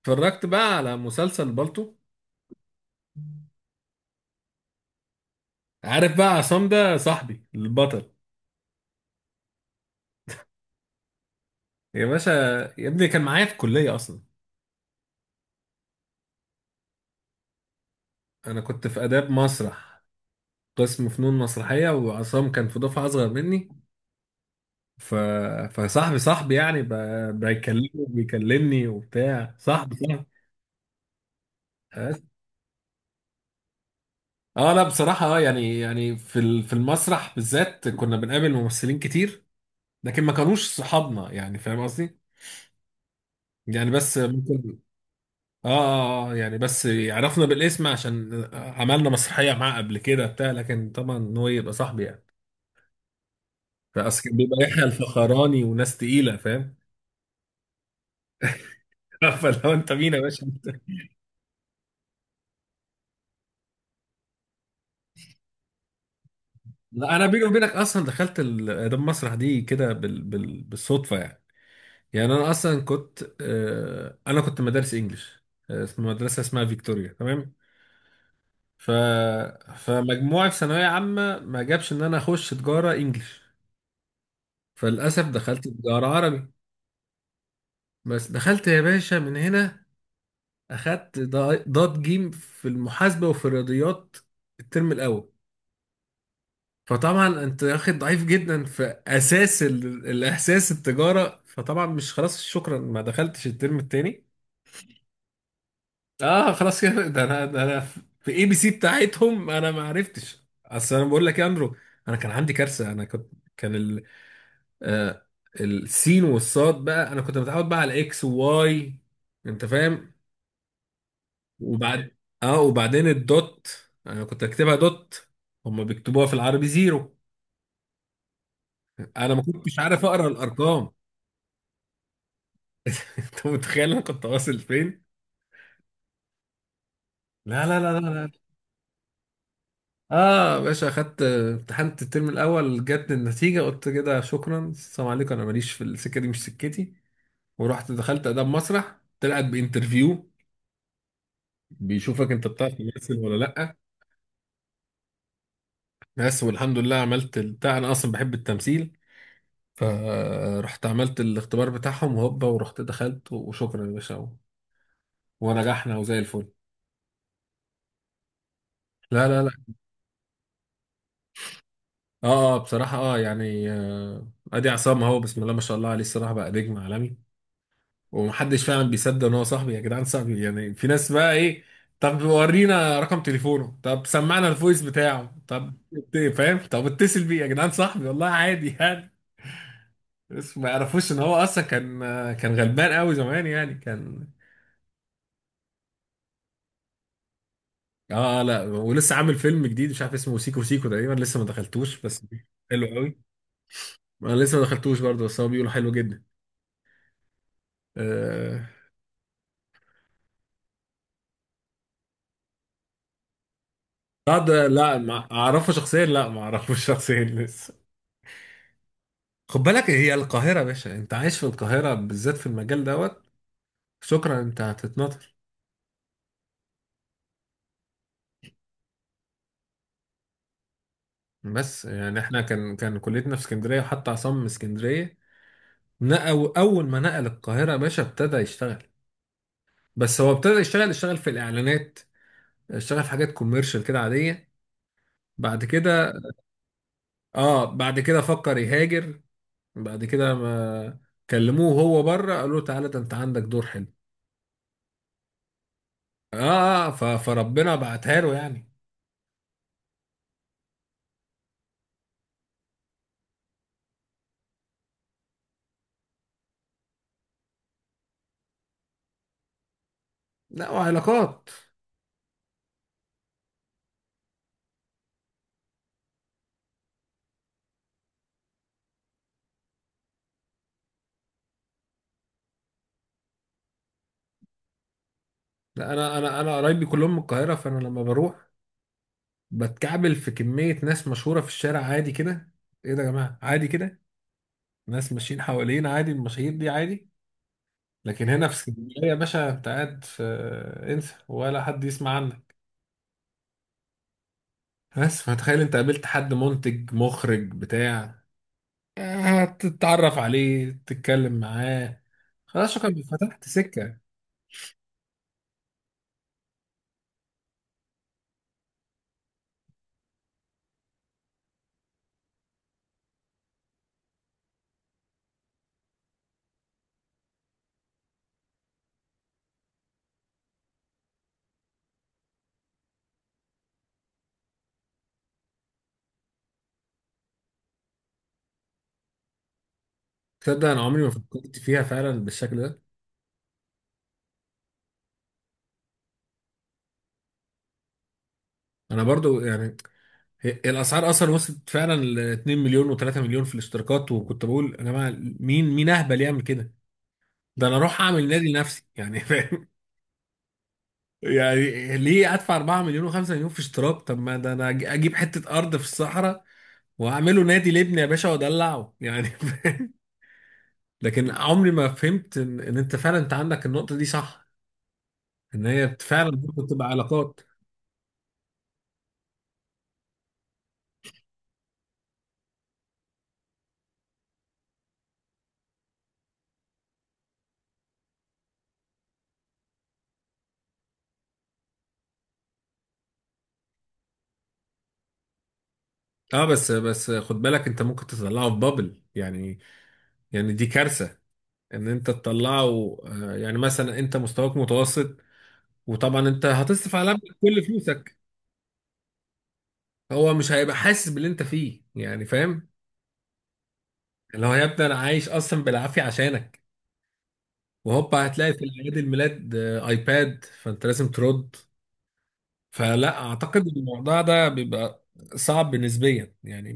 اتفرجت بقى على مسلسل بالطو. عارف بقى عصام ده صاحبي البطل؟ يا باشا، يا ابني كان معايا في الكلية أصلا. أنا كنت في آداب مسرح، قسم فنون مسرحية، وعصام كان في دفعة أصغر مني. ف... فصاحبي صاحبي يعني بيكلمني وبيكلمني وبتاع صاحبي صاحبي بس. اه، لا بصراحة اه، يعني في المسرح بالذات كنا بنقابل ممثلين كتير، لكن ما كانوش صحابنا، يعني فاهم قصدي؟ يعني بس ممكن. يعني بس عرفنا بالاسم عشان عملنا مسرحية معاه قبل كده بتاع، لكن طبعا إن هو يبقى صاحبي يعني. فأصل كان بيبقى يحيى الفخراني وناس تقيلة، فاهم. فلو انت مين يا باشا انت. لا انا بيني وبينك اصلا دخلت ال- ده المسرح دي كده بالصدفة يعني. يعني انا اصلا كنت آه، انا كنت مدارس انجليش، آه، في مدرسة اسمها فيكتوريا، تمام. ف فمجموعي في ثانوية عامة ما جابش ان انا اخش تجارة انجليش، فللاسف دخلت تجارة عربي. بس دخلت يا باشا من هنا، اخدت ضاد جيم في المحاسبة وفي الرياضيات الترم الاول. فطبعا انت واخد ضعيف جدا في اساس الاحساس التجارة، فطبعا مش خلاص شكرا، ما دخلتش الترم التاني. اه خلاص كده، ده انا في اي بي سي بتاعتهم انا ما عرفتش. اصل انا بقول لك يا اندرو، انا كان عندي كارثة. انا كنت، كان ال... آه السين والصاد بقى، انا كنت متعود بقى على اكس وواي، انت فاهم. وبعد، اه وبعدين الدوت، انا كنت اكتبها دوت، هما بيكتبوها في العربي زيرو. انا ما كنتش عارف اقرا الارقام. انت متخيل انا كنت واصل فين؟ لا لا لا لا لا. اه يا باشا، اخدت امتحنت الترم الاول، جت النتيجه قلت كده شكرا، السلام عليكم، انا ماليش في السكه دي، مش سكتي. ورحت دخلت اداب مسرح، طلعت بانترفيو، بيشوفك انت بتعرف تمثل ولا لا. بس والحمد لله عملت البتاع، انا اصلا بحب التمثيل. فرحت عملت الاختبار بتاعهم وهوبا، ورحت دخلت وشكرا يا باشا، ونجحنا وزي الفل. لا لا لا. اه آه، بصراحة اه يعني، آه، ادي عصام اهو، بسم الله ما شاء الله عليه، الصراحة بقى نجم عالمي. ومحدش فعلا بيصدق ان هو صاحبي. يا جدعان صاحبي يعني، في ناس بقى ايه، طب ورينا رقم تليفونه، طب سمعنا الفويس بتاعه، طب فاهم، طب اتصل بيه يا جدعان، صاحبي والله، عادي يعني. بس ما يعرفوش ان هو اصلا كان، آه، كان غلبان قوي زمان يعني، كان. اه لا، ولسه عامل فيلم جديد مش عارف اسمه سيكو سيكو تقريبا، لسه ما دخلتوش بس. حلو قوي. انا لسه ما دخلتوش برضه، بس هو بيقولوا حلو جدا. آه لا ده لا، ما اعرفه شخصيا، لا ما اعرفوش شخصيا لسه. خد بالك هي القاهرة يا باشا، انت عايش في القاهرة بالذات في المجال دوت، شكرا انت هتتنطر. بس يعني احنا كان كليتنا في اسكندرية، وحتى عصام من اسكندرية، نقل اول ما نقل القاهرة يا باشا ابتدى يشتغل. بس هو ابتدى يشتغل في الاعلانات، اشتغل في حاجات كوميرشال كده عادية. بعد كده، اه بعد كده فكر يهاجر. بعد كده ما كلموه وهو بره، قالوا له تعالى ده انت عندك دور حلو. اه، فربنا بعتها له يعني. لا وعلاقات. لا انا قرايبي كلهم من القاهره، فانا لما بروح بتكعبل في كميه ناس مشهوره في الشارع عادي كده. ايه ده يا جماعه عادي كده، ناس ماشيين حوالين عادي، المشاهير دي عادي. لكن هنا في اسكندريه يا باشا، انت قاعد في، انسى، ولا حد يسمع عنك. بس فتخيل انت قابلت حد منتج مخرج بتاع، هتتعرف عليه تتكلم معاه، خلاص شكرا فتحت سكة. تصدق انا عمري ما فكرت فيها فعلا بالشكل ده. انا برضو يعني، الاسعار اصلا وصلت فعلا ل 2 مليون و3 مليون في الاشتراكات، وكنت بقول يا جماعه، مين اهبل يعمل كده؟ ده انا اروح اعمل نادي لنفسي يعني، فاهم. يعني ليه ادفع 4 مليون و5 مليون في اشتراك؟ طب ما ده انا اجيب حتة ارض في الصحراء واعمله نادي لابني يا باشا وادلعه يعني، فاهم. لكن عمري ما فهمت ان إن انت فعلا انت عندك النقطة دي صح، ان هي فعلا ممكن تبقى علاقات. اه بس بس خد بالك، انت ممكن تطلعه في بابل يعني، يعني دي كارثه. ان انت تطلعه، آه، يعني مثلا انت مستواك متوسط وطبعا انت هتصرف على ابنك كل فلوسك، هو مش هيبقى حاسس باللي انت فيه، يعني فاهم. اللي هو يا ابني انا عايش اصلا بالعافيه عشانك، وهوبا هتلاقي في اعياد الميلاد، آه، ايباد، فانت لازم ترد. فلا اعتقد الموضوع ده بيبقى صعب نسبيا يعني.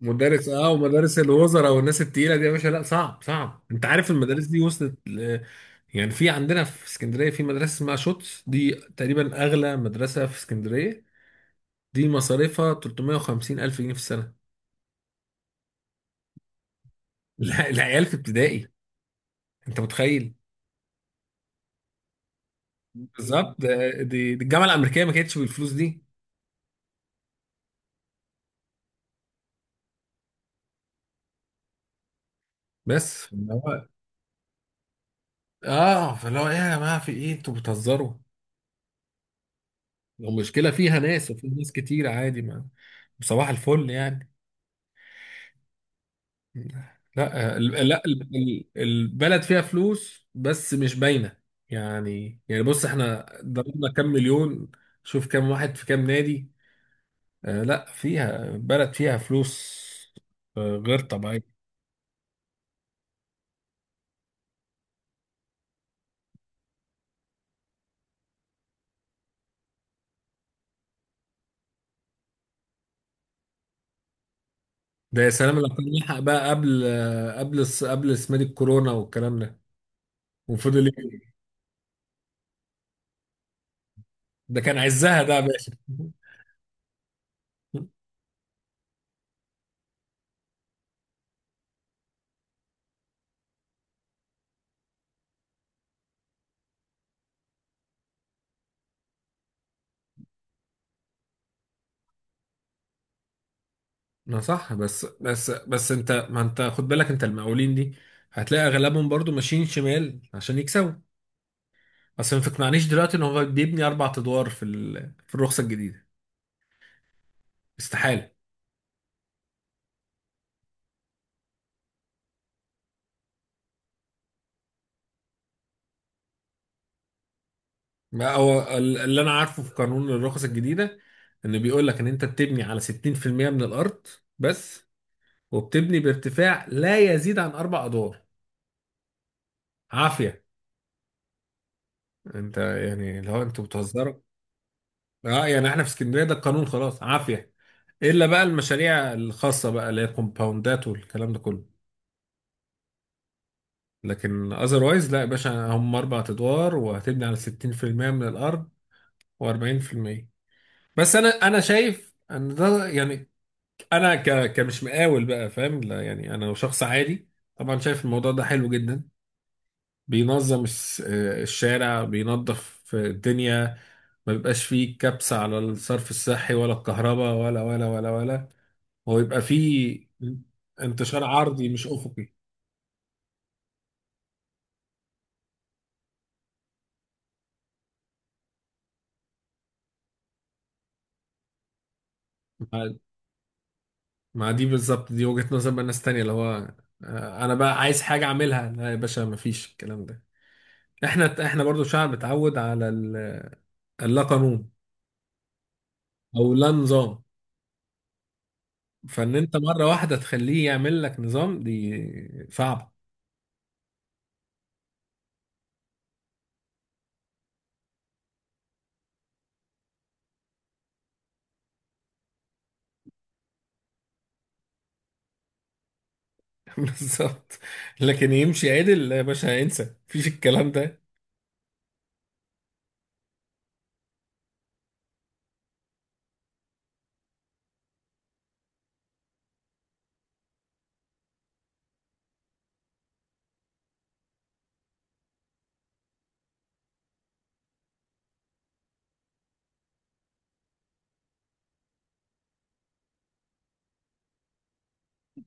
مدرس اه، ومدارس الوزراء والناس التقيله دي يا باشا، لا صعب صعب. انت عارف المدارس دي وصلت يعني، في عندنا في اسكندريه في مدرسه اسمها شوتس، دي تقريبا اغلى مدرسه في اسكندريه. دي مصاريفها 350 الف جنيه في السنه. لا العيال في ابتدائي، انت متخيل. بالظبط دي الجامعه الامريكيه ما كانتش بالفلوس دي. بس اللي هو، اه، فاللي هو ايه يا جماعه، في ايه؟ انتوا بتهزروا؟ المشكله فيها ناس وفي ناس كتير عادي ما، صباح الفل يعني. لا ال- لا ال- ال- البلد فيها فلوس بس مش باينه. يعني يعني بص، احنا ضربنا كام مليون، شوف كام واحد في كام نادي. آه لا، فيها، بلد فيها فلوس، آه غير طبيعيه. ده يا سلام لو كان لحق بقى قبل، آه قبل قبل اسمها دي الكورونا والكلام ده، وفضل يجري. ده كان عزها ده يا باشا. ما صح، بس بس انت، ما انت خد بالك، انت المقاولين دي هتلاقي اغلبهم برضو ماشيين شمال عشان يكسبوا. اصل ما تقنعنيش دلوقتي ان هو بيبني اربع ادوار في الرخصه الجديده، استحاله. ما هو اللي انا عارفه في قانون الرخص الجديده، ان بيقول لك ان انت بتبني على 60% من الارض بس، وبتبني بارتفاع لا يزيد عن اربع ادوار، عافيه. انت يعني اللي هو انتوا بتهزروا؟ اه يعني احنا في اسكندريه ده القانون، خلاص عافيه، الا بقى المشاريع الخاصه بقى اللي هي كومباوندات والكلام ده كله. لكن اذروايز لا يا باشا، هم اربع ادوار وهتبني على 60% من الارض و40% بس. انا انا شايف ان ده يعني، انا كمش مقاول بقى فاهم، لا يعني انا شخص عادي، طبعا شايف الموضوع ده حلو جدا. بينظم الشارع، بينظف الدنيا، ما بيبقاش فيه كبس على الصرف الصحي ولا الكهرباء ولا ولا ولا ولا، هو يبقى فيه انتشار عرضي مش افقي. مع مع دي بالظبط، دي وجهة نظر بقى ناس تانية، اللي هو آه، انا بقى عايز حاجة اعملها، لا يا باشا مفيش الكلام ده. احنا برضو شعب اتعود على اللا قانون او لا نظام، فان انت مره واحده تخليه يعمل لك نظام دي صعبه. بالظبط. لكن يمشي عدل يا باشا، انسى مفيش الكلام ده.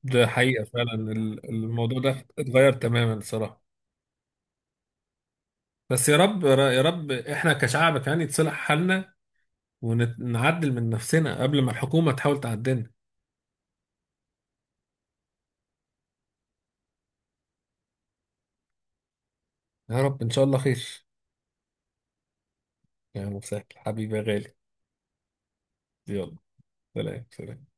ده حقيقه فعلا، الموضوع ده اتغير تماما الصراحه. بس يا رب يا رب احنا كشعب يعني يتصلح حالنا، ونعدل من نفسنا قبل ما الحكومه تحاول تعدلنا. يا رب ان شاء الله خير. يا مسهل حبيبي يا غالي. يلا. سلام سلام.